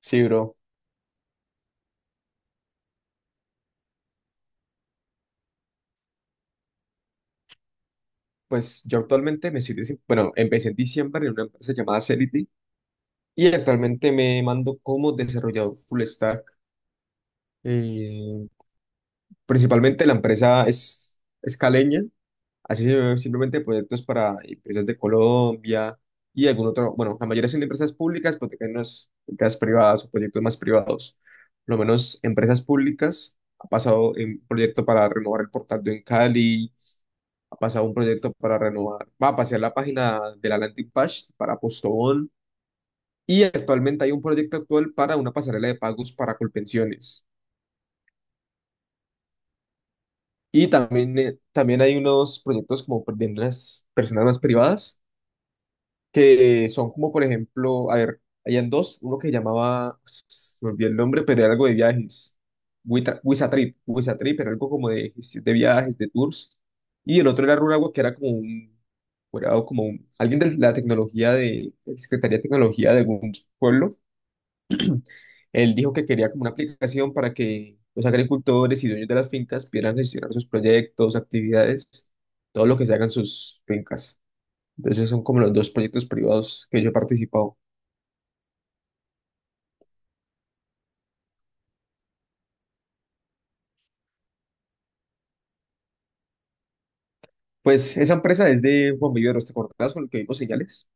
Sí, bro. Pues yo actualmente me estoy, bueno, empecé en diciembre en una empresa llamada Celity y actualmente me mando como desarrollador full stack. Eh, Principalmente la empresa es caleña, ve simplemente proyectos para empresas de Colombia y algún otro, bueno, la mayoría son empresas públicas, pero también unas empresas privadas o proyectos más privados. Por lo menos empresas públicas, ha pasado en proyecto para renovar el portal de Cali, pasado un proyecto para renovar, va a pasar la página de la landing page para Postobón, y actualmente hay un proyecto actual para una pasarela de pagos para Colpensiones. Y también, también hay unos proyectos como de unas personas más privadas que son como, por ejemplo, a ver, habían dos, uno que llamaba, se me olvidó el nombre, pero era algo de viajes, Wisatrip, Wisatrip, era algo como de viajes, de tours, y el otro era Runagua, que era como un, alguien de la tecnología de Secretaría de Tecnología de algún pueblo, él dijo que quería como una aplicación para que los agricultores y dueños de las fincas pudieran gestionar sus proyectos, actividades, todo lo que se haga en sus fincas. Entonces son como los dos proyectos privados que yo he participado. Pues esa empresa es de Juan Viveros, ¿te acordás con el que vimos señales?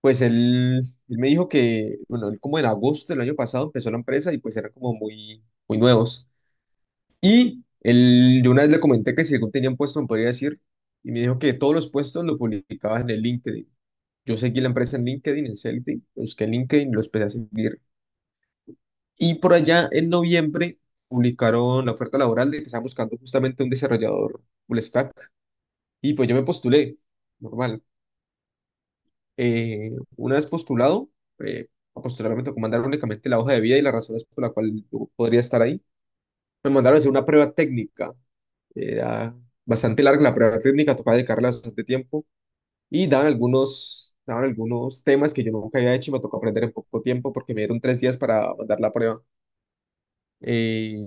Pues él, Él me dijo que, bueno, él como en agosto del año pasado empezó la empresa y pues eran como muy, muy nuevos. Y él, yo una vez le comenté que si según tenían puesto me podría decir, y me dijo que todos los puestos lo publicabas en el LinkedIn. Yo seguí la empresa en LinkedIn, busqué en LinkedIn, lo empecé a seguir. Y por allá en noviembre publicaron la oferta laboral de que estaban buscando justamente un desarrollador full stack. Y pues yo me postulé, normal. Eh, una vez postulado, eh, posteriormente me mandaron únicamente la hoja de vida y las razones por las cuales yo podría estar ahí. Me mandaron a hacer una prueba técnica. Era bastante larga la prueba técnica, tocaba dedicarle bastante tiempo y daban algunos temas que yo nunca había hecho y me tocó aprender en poco tiempo porque me dieron tres días para mandar la prueba. Eh,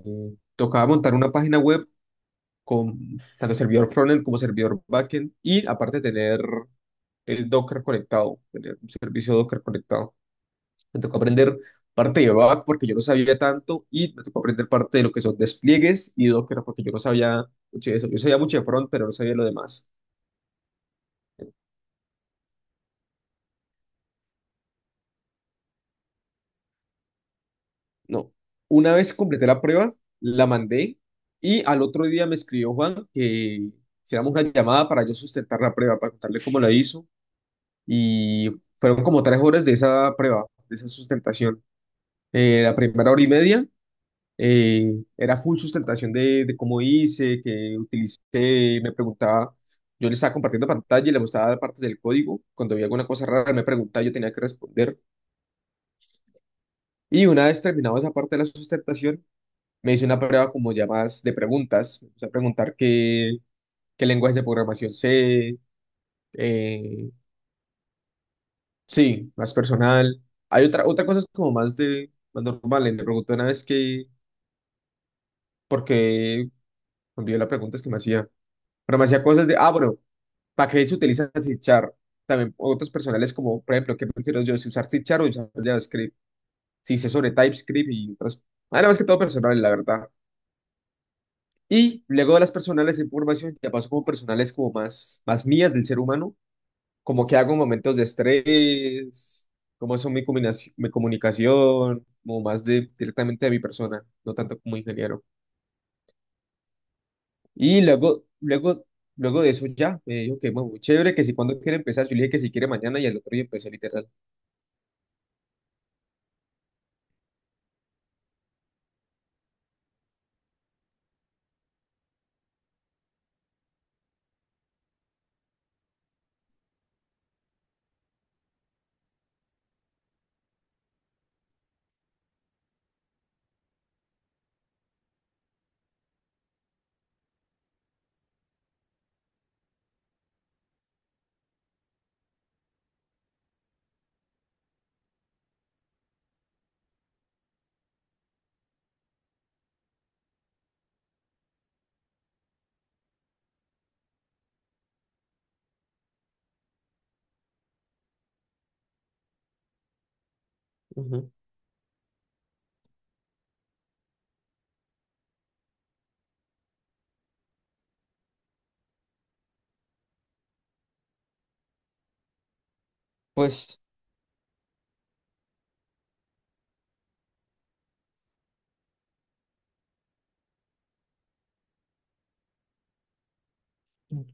Tocaba montar una página web con tanto servidor frontend como servidor backend y aparte tener el Docker conectado, tener un servicio Docker conectado. Me tocó aprender parte de back porque yo no sabía tanto y me tocó aprender parte de lo que son despliegues y Docker porque yo no sabía mucho de eso. Yo sabía mucho de front, pero no sabía lo demás. No. Una vez completé la prueba, la mandé y al otro día me escribió Juan que hiciéramos una llamada para yo sustentar la prueba, para contarle cómo la hizo. Y fueron como tres horas de esa prueba, de esa sustentación. La primera hora y media era full sustentación de cómo hice, que utilicé, me preguntaba, yo le estaba compartiendo pantalla y le mostraba dar partes del código, cuando había alguna cosa rara me preguntaba, yo tenía que responder. Y una vez terminado esa parte de la sustentación, me hice una prueba como ya más de preguntas, o sea, qué lenguajes de programación sé, eh, sí, más personal. Hay otra cosa es como más de, más normal, le pregunté una vez que, porque, envió la pregunta es que me hacía. Pero me hacía cosas de, ah, bueno, ¿para qué se utiliza C Sharp? También otras personales como, por ejemplo, ¿qué prefiero yo, si usar C Sharp o usar JavaScript? Si sé sobre TypeScript y otras. Nada más que todo personal, la verdad. Y luego de las personales de información, ya paso como personales como más, más mías del ser humano, como que hago en momentos de estrés, cómo son mi, mi comunicación, como más de, directamente de mi persona, no tanto como ingeniero. Y luego de eso ya me dijo que bueno, muy chévere, que si cuando quiere empezar, yo le dije que si quiere mañana y al otro día empecé literal. Ujú. Pues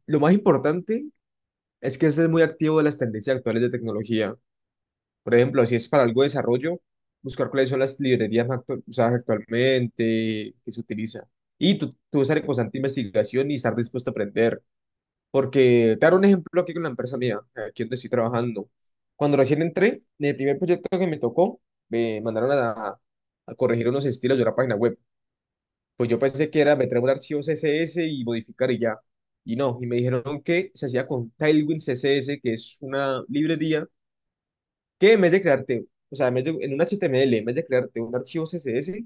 lo más importante es que estés muy activo de las tendencias actuales de tecnología. Por ejemplo, si es para algo de desarrollo, buscar cuáles son las librerías más usadas actualmente, que se utilizan. Y tú estar en constante investigación y estar dispuesto a aprender. Porque te daré un ejemplo aquí con la empresa mía, aquí donde estoy trabajando. Cuando recién entré, en el primer proyecto que me tocó, me mandaron a corregir unos estilos de una página web. Pues yo pensé que era meter un archivo CSS y modificar y ya. Y no, y me dijeron que se hacía con Tailwind CSS, que es una librería que en vez de crearte, o sea, en vez de, en un HTML, en vez de crearte un archivo CSS,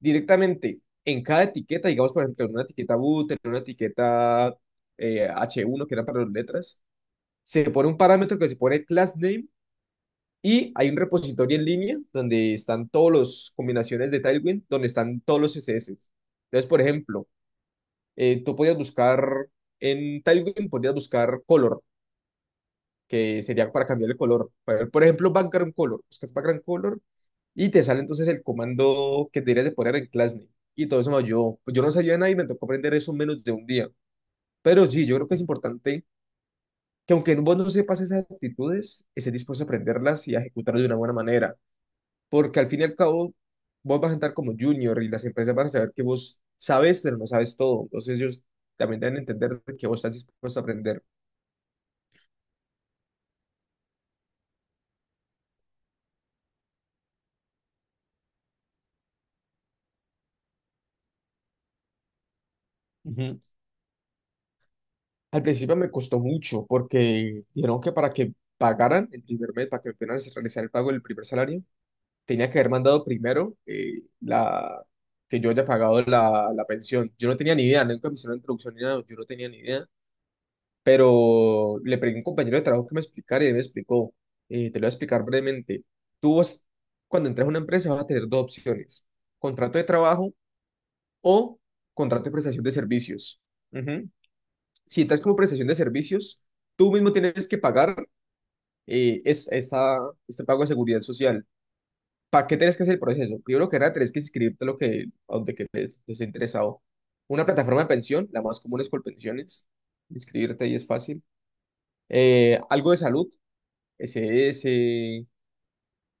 directamente en cada etiqueta, digamos, por ejemplo, en una etiqueta boot, en una etiqueta H1, que era para las letras, se pone un parámetro que se pone class name, y hay un repositorio en línea donde están todas las combinaciones de Tailwind, donde están todos los CSS. Entonces, por ejemplo, tú podías buscar en Tailwind, podías buscar color, que sería para cambiar el color. Por ejemplo, background color, buscas background color y te sale entonces el comando que deberías de poner en class name. Y todo eso me ayudó. Pues yo no sabía nada y me tocó aprender eso en menos de un día. Pero sí, yo creo que es importante que aunque vos no sepas esas actitudes, estés dispuesto a aprenderlas y a ejecutarlas de una buena manera, porque al fin y al cabo vos vas a entrar como junior y las empresas van a saber que vos sabes, pero no sabes todo, entonces ellos también deben entender que vos estás dispuesto a aprender. Ujú. Al principio me costó mucho porque dijeron que para que pagaran el primer mes, para que me pudieran realizar el pago del primer salario, tenía que haber mandado primero que yo haya pagado la pensión. Yo no tenía ni idea, nunca me hicieron la introducción ni nada, yo no tenía ni idea. Pero le pregunté a un compañero de trabajo que me explicara y él me explicó, te lo voy a explicar brevemente. Tú vas- Cuando entras a una empresa vas a tener dos opciones, contrato de trabajo o contrato de prestación de servicios. Ujú. Si entras como prestación de servicios, tú mismo tienes que pagar eh, es, esta, este pago de seguridad social. ¿Para qué tienes que hacer el proceso? Primero que nada, tienes que inscribirte a lo que, a donde que te te esté interesado. Una plataforma de pensión, la más común es Colpensiones. Inscribirte ahí es fácil. Algo de salud, SS,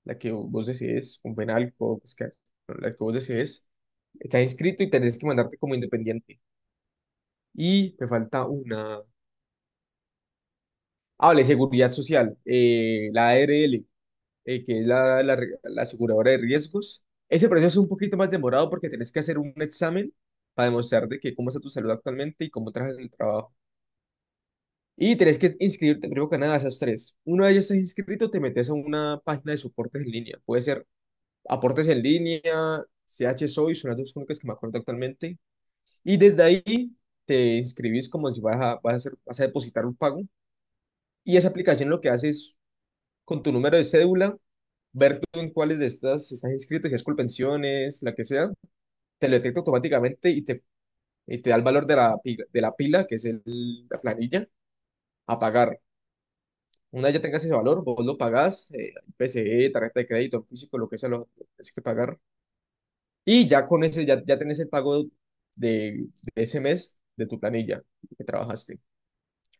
la que vos desees, un penalco, bueno, la que vos desees, estás inscrito y tenés que mandarte como independiente. Y me falta una. Ah, vale, seguridad social, la ARL, que es la aseguradora de riesgos. Ese proceso es un poquito más demorado porque tenés que hacer un examen para demostrar de que cómo está tu salud actualmente y cómo trabajas en el trabajo. Y tenés que inscribirte, primero que nada, a esas tres. Una de ellas estás inscrito, te metes a una página de soportes en línea. Puede ser Aportes en línea, CH Soy son las dos únicas que me acuerdo actualmente. Y desde ahí te inscribís como si vas a depositar un pago. Y esa aplicación lo que hace es, con tu número de cédula, ver tú en cuáles de estas estás inscrito, si es Colpensiones, la que sea, te lo detecta automáticamente y y te da el valor de la, de la pila, la planilla, a pagar. Una vez ya tengas ese valor, vos lo pagás, PCE, tarjeta de crédito, físico, lo que sea, lo que tenés que pagar. Y ya con ese, ya tenés el pago de, de ese mes de tu planilla que trabajaste.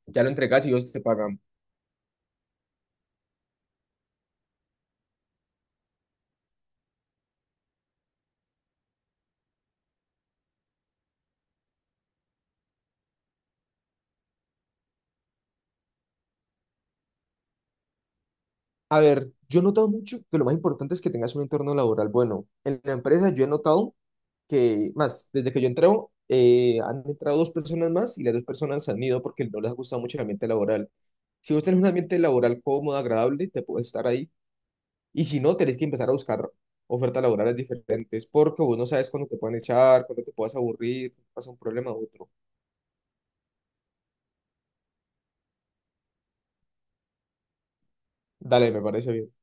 Ya lo entregas y ellos te pagan. A ver, yo he notado mucho que lo más importante es que tengas un entorno laboral bueno. En la empresa yo he notado que, más, desde que yo entré, han entrado dos personas más y las dos personas se han ido porque no les ha gustado mucho el ambiente laboral. Si vos tenés un ambiente laboral cómodo, agradable, te puedes estar ahí. Y si no, tenés que empezar a buscar ofertas laborales diferentes porque vos no sabes cuándo te pueden echar, cuándo te puedas aburrir, pasa un problema u otro. Dale, me parece bien.